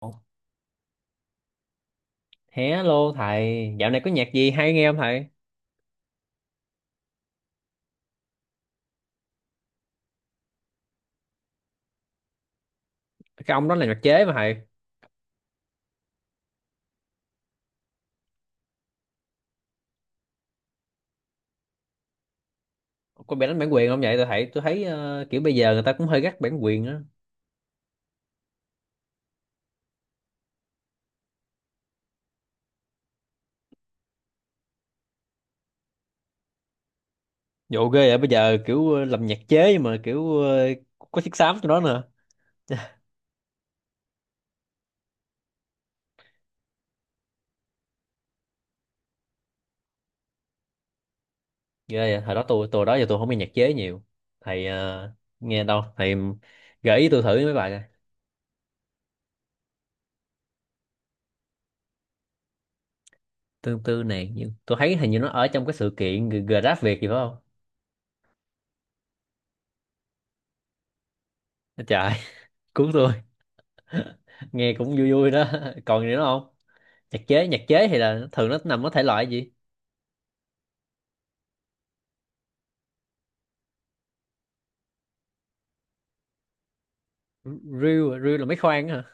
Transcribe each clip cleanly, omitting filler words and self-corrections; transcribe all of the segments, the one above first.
Ồ, hello thầy, dạo này có nhạc gì hay nghe không thầy? Cái ông đó là nhạc chế mà thầy. Có bị đánh bản quyền không vậy? Tôi thấy kiểu bây giờ người ta cũng hơi gắt bản quyền á. Dụ ghê vậy bây giờ kiểu làm nhạc chế mà kiểu có chiếc xám trong đó nữa. Ghê vậy, hồi đó tôi đó giờ tôi không nghe nhạc chế nhiều. Thầy nghe đâu? Thầy gợi ý tôi thử mấy bài coi. Tương tư này nhưng tôi thấy hình như nó ở trong cái sự kiện Grab Việt gì phải không? Trời, cứu tôi. Nghe cũng vui vui đó. Còn gì nữa không? Nhạc chế thì là thường nó nằm ở thể loại gì? Reel à? Reel là mấy khoan á hả?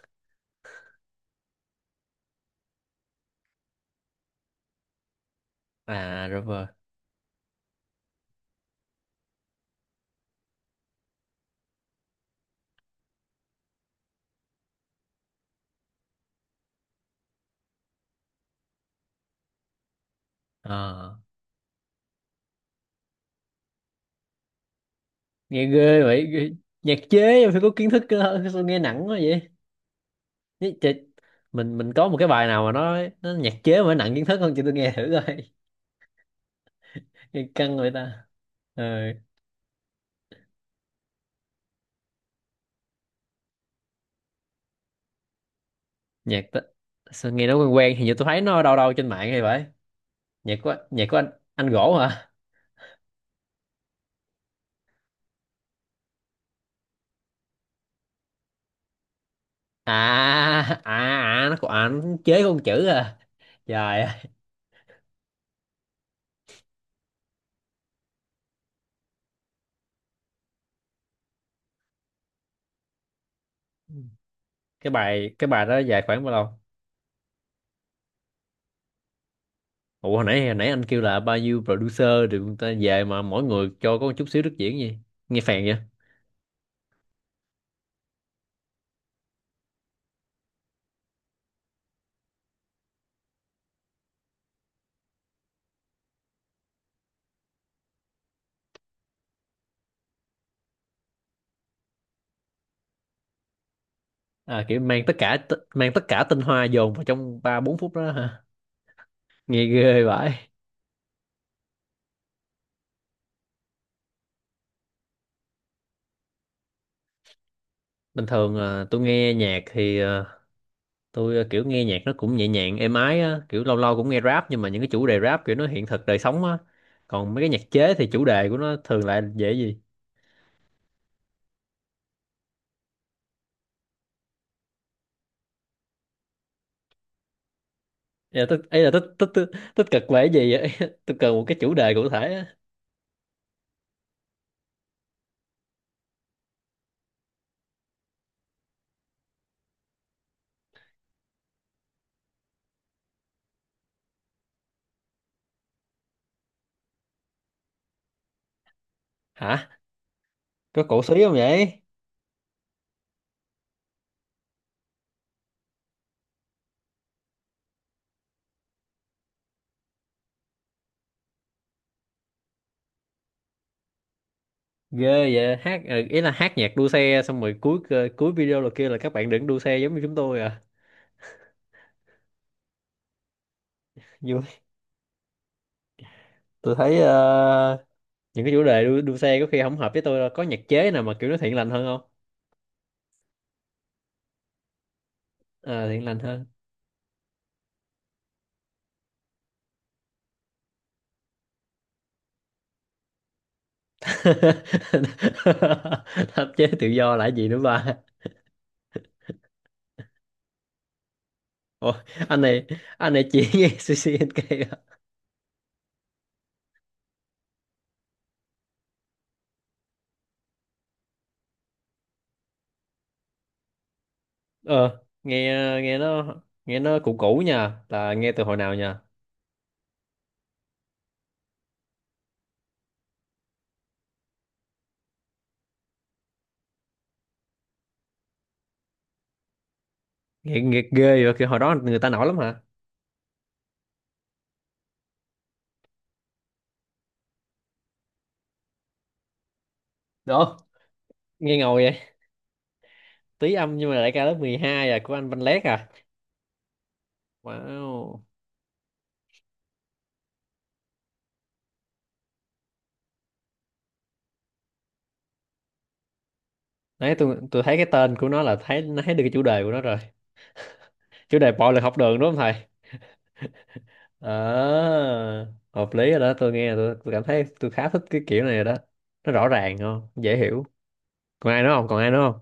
À rồi. À, nghe ghê vậy ghê. Nhạc chế mà phải có kiến thức cơ hơn, sao nghe nặng quá vậy? Nhớ chị, mình có một cái bài nào mà nó nhạc chế mà nó nặng kiến thức không chị, tôi nghe thử coi. Nghe căng vậy ta. Ờ, nhạc ta... sao nghe nó quen quen, hình như tôi thấy nó đâu đâu trên mạng hay vậy. Nhạc của nhạc của anh gỗ hả? À à à, nó còn à, nó chế con chữ à, trời ơi. Cái bài đó dài khoảng bao lâu? Ủa hồi nãy anh kêu là bao nhiêu producer rồi, người ta về mà mỗi người cho có một chút xíu đức diễn gì, nghe phèn vậy. À kiểu mang tất cả mang tất cả tinh hoa dồn vào trong ba bốn phút đó hả? Nghe ghê vậy. Bình thường à, tôi nghe nhạc thì à, tôi à, kiểu nghe nhạc nó cũng nhẹ nhàng êm ái á, kiểu lâu lâu cũng nghe rap nhưng mà những cái chủ đề rap kiểu nó hiện thực đời sống á. Còn mấy cái nhạc chế thì chủ đề của nó thường lại dễ gì? Ấy là tích tích Tích tích cực về cái gì vậy? Tôi cần một cái chủ đề cụ thể á. Hả, có cổ xí không vậy? Ghê vậy, hát ý là hát nhạc đua xe xong rồi cuối video là kia là các bạn đừng đua xe giống như chúng tôi à. Vui. Tôi thấy những cái chủ đề đua xe có khi không hợp với tôi, đâu có nhạc chế nào mà kiểu nó thiện lành hơn không? Ờ, thiện lành hơn. Pháp chế tự do là cái gì nữa ba? Ủa, anh này anh này chỉ nghe CCNK à? Ờ nghe, nghe nó nghe nó cũ cũ nha, là nghe từ hồi nào nha. Nghe ghê vậy, kiểu hồi đó người ta nổi lắm hả? Được. Nghe ngồi vậy. Tí âm nhưng mà đại ca lớp 12 à của anh Văn Lét à. Wow. Đấy tôi thấy cái tên của nó là thấy nó thấy được cái chủ đề của nó rồi. Chủ đề bạo lực học đường đúng không thầy? Ờ hợp lý rồi đó, tôi nghe tôi cảm thấy tôi khá thích cái kiểu này rồi đó. Nó rõ ràng, không dễ hiểu. Còn ai nữa không?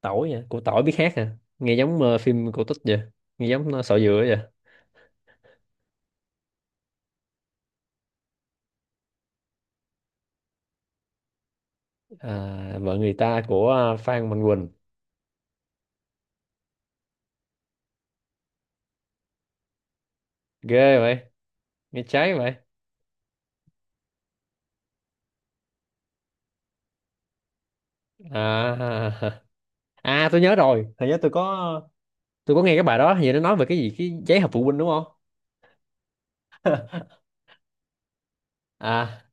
Tỏi vậy, của tỏi biết hát à, nghe giống phim cổ tích vậy, nghe giống sọ dừa vậy. À, vợ người ta của Phan Mạnh Quỳnh. Ghê vậy, nghe cháy vậy. À. À tôi nhớ rồi thầy, nhớ tôi có nghe cái bài đó, hình như nó nói về cái gì cái giấy họp phụ huynh đúng không? à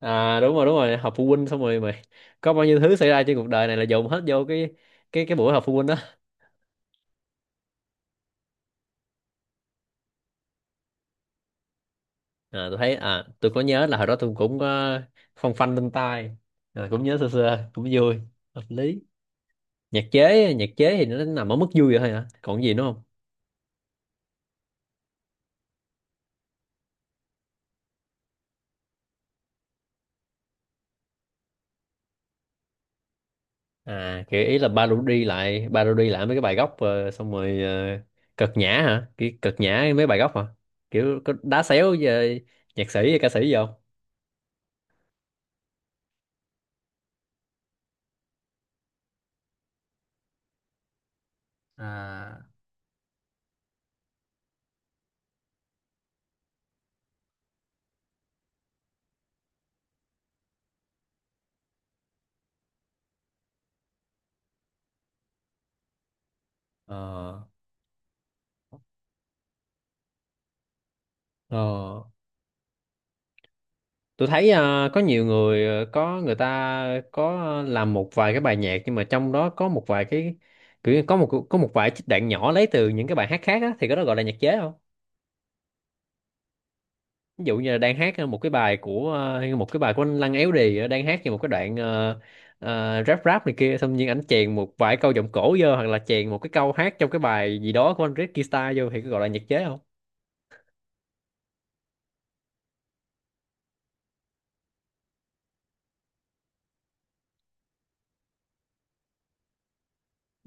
à đúng rồi đúng rồi họp phụ huynh xong rồi mày có bao nhiêu thứ xảy ra trên cuộc đời này là dồn hết vô cái buổi họp phụ huynh đó. À tôi thấy à tôi có nhớ là hồi đó tôi cũng có phong phanh lên tai à, cũng nhớ sơ sơ cũng vui. Hợp lý. Nhạc chế thì nó nằm ở mức vui vậy thôi hả, còn gì nữa không? À kiểu ý là parody lại mấy cái bài gốc xong rồi ờ, cợt nhã hả, kiểu cợt nhã mấy bài gốc hả, kiểu có đá xéo về nhạc sĩ hay ca sĩ gì không? À ờ ờ, tôi thấy có nhiều người ờ, có người ta có làm một vài cái bài nhạc nhưng mà trong đó có một vài cái, kiểu như có một vài trích đoạn nhỏ lấy từ những cái bài hát khác á, thì cái đó gọi là nhạc chế không? Ví dụ như là đang hát một cái bài của một cái bài của anh Lăng Éo Đì ờ, đang hát như một cái đoạn rap rap này kia xong nhiên anh chèn một vài câu giọng cổ vô, hoặc là chèn một cái câu hát trong cái bài gì đó của anh Red Guitar vô thì có gọi là nhạc chế không?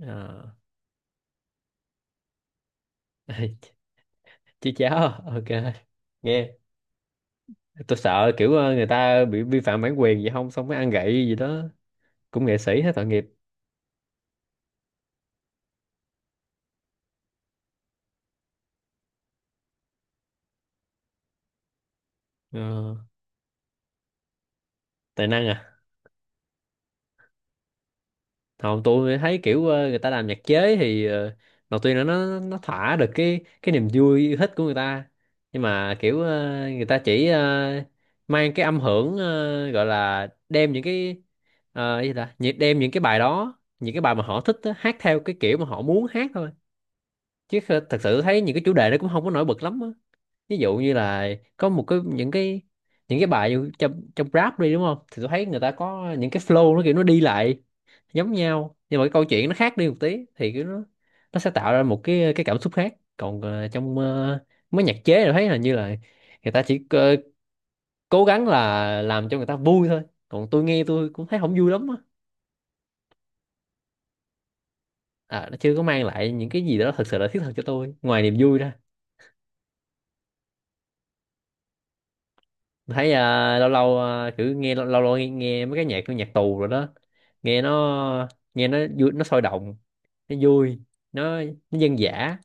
À. Chứ cháo à? Ok. Nghe, tôi sợ kiểu người ta bị vi phạm bản quyền gì không xong mới ăn gậy gì đó, cũng nghệ sĩ hết tội nghiệp. Ờ, tài năng à. Không, tôi thấy kiểu người ta làm nhạc chế thì ờ, đầu tiên là nó thỏa được cái niềm vui yêu thích của người ta, nhưng mà kiểu ờ, người ta chỉ ờ, mang cái âm hưởng ờ, gọi là đem những cái ờ, cái gì ta đem những cái bài đó, những cái bài mà họ thích á, hát theo cái kiểu mà họ muốn hát thôi, thật sự thấy những cái chủ đề nó cũng không có nổi bật lắm á. Ví dụ như là có một cái những cái, những cái bài như trong trong rap đi đúng không, thì tôi thấy người ta có những cái flow nó kiểu nó đi lại giống nhau nhưng mà cái câu chuyện nó khác đi một tí thì kiểu nó sẽ tạo ra một cái cảm xúc khác, còn trong mấy nhạc chế tôi thấy là như là người ta chỉ cố gắng là làm cho người ta vui thôi, còn tôi nghe tôi cũng thấy không vui lắm á. À, nó chưa có mang lại những cái gì đó thật sự là thiết thực cho tôi ngoài niềm vui ra. Thấy à, lâu lâu à, kiểu nghe lâu lâu, nghe mấy cái nhạc của nhạc tù rồi đó. Nghe nó, nghe nó vui, nó sôi động, nó vui, nó nó dân dã,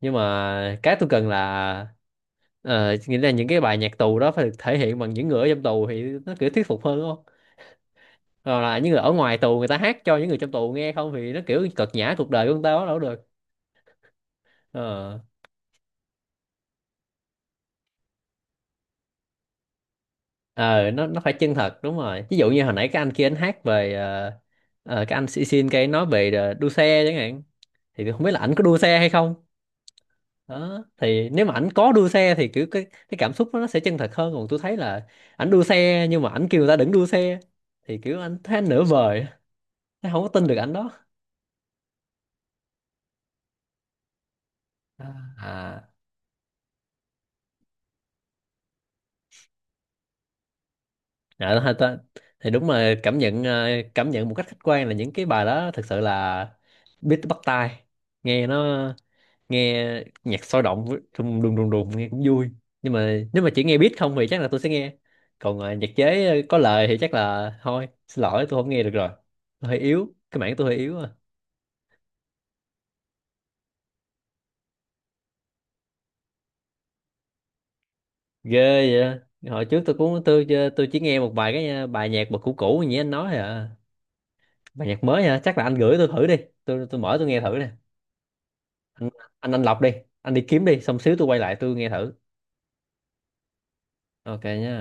nhưng mà cái tôi cần là nghĩa là những cái bài nhạc tù đó phải được thể hiện bằng những người ở trong tù thì nó kiểu thuyết phục hơn không, rồi là những người ở ngoài tù người ta hát cho những người trong tù nghe không thì nó kiểu cợt nhã cuộc đời của người ta quá, đâu có được. Ờ ờ, nó phải chân thật đúng rồi, ví dụ như hồi nãy cái anh kia anh hát về cái anh xin xin cái nói về đua xe chẳng hạn, thì tôi không biết là ảnh có đua xe hay không. Đó thì nếu mà ảnh có đua xe thì kiểu cái cảm xúc nó sẽ chân thật hơn, còn tôi thấy là ảnh đua xe nhưng mà ảnh kêu người ta đừng đua xe thì kiểu anh thấy anh nửa vời, thấy không có tin được ảnh đó. À, à. Dạ, thì đúng là cảm nhận một cách khách quan là những cái bài đó thực sự là beat bắt tai, nghe nó, nghe nhạc sôi động với- đùng đùng đùng đùng nghe cũng vui, nhưng mà nếu mà chỉ nghe beat không thì chắc là tôi sẽ nghe, còn nhạc chế có lời thì chắc là thôi xin lỗi tôi không nghe được rồi. Tôi hơi yếu cái mảng tôi hơi yếu à. Ghê vậy, hồi trước tôi cũng tôi ờ, tôi chỉ nghe một vài cái bài nhạc mà cũ cũ như anh nói thôi à. Bài nhạc mới hả, chắc là anh gửi tôi thử đi, tôi mở tôi nghe thử nè. Anh, anh lọc đi, anh đi kiếm đi xong xíu tôi quay lại tôi nghe thử. Ok nha.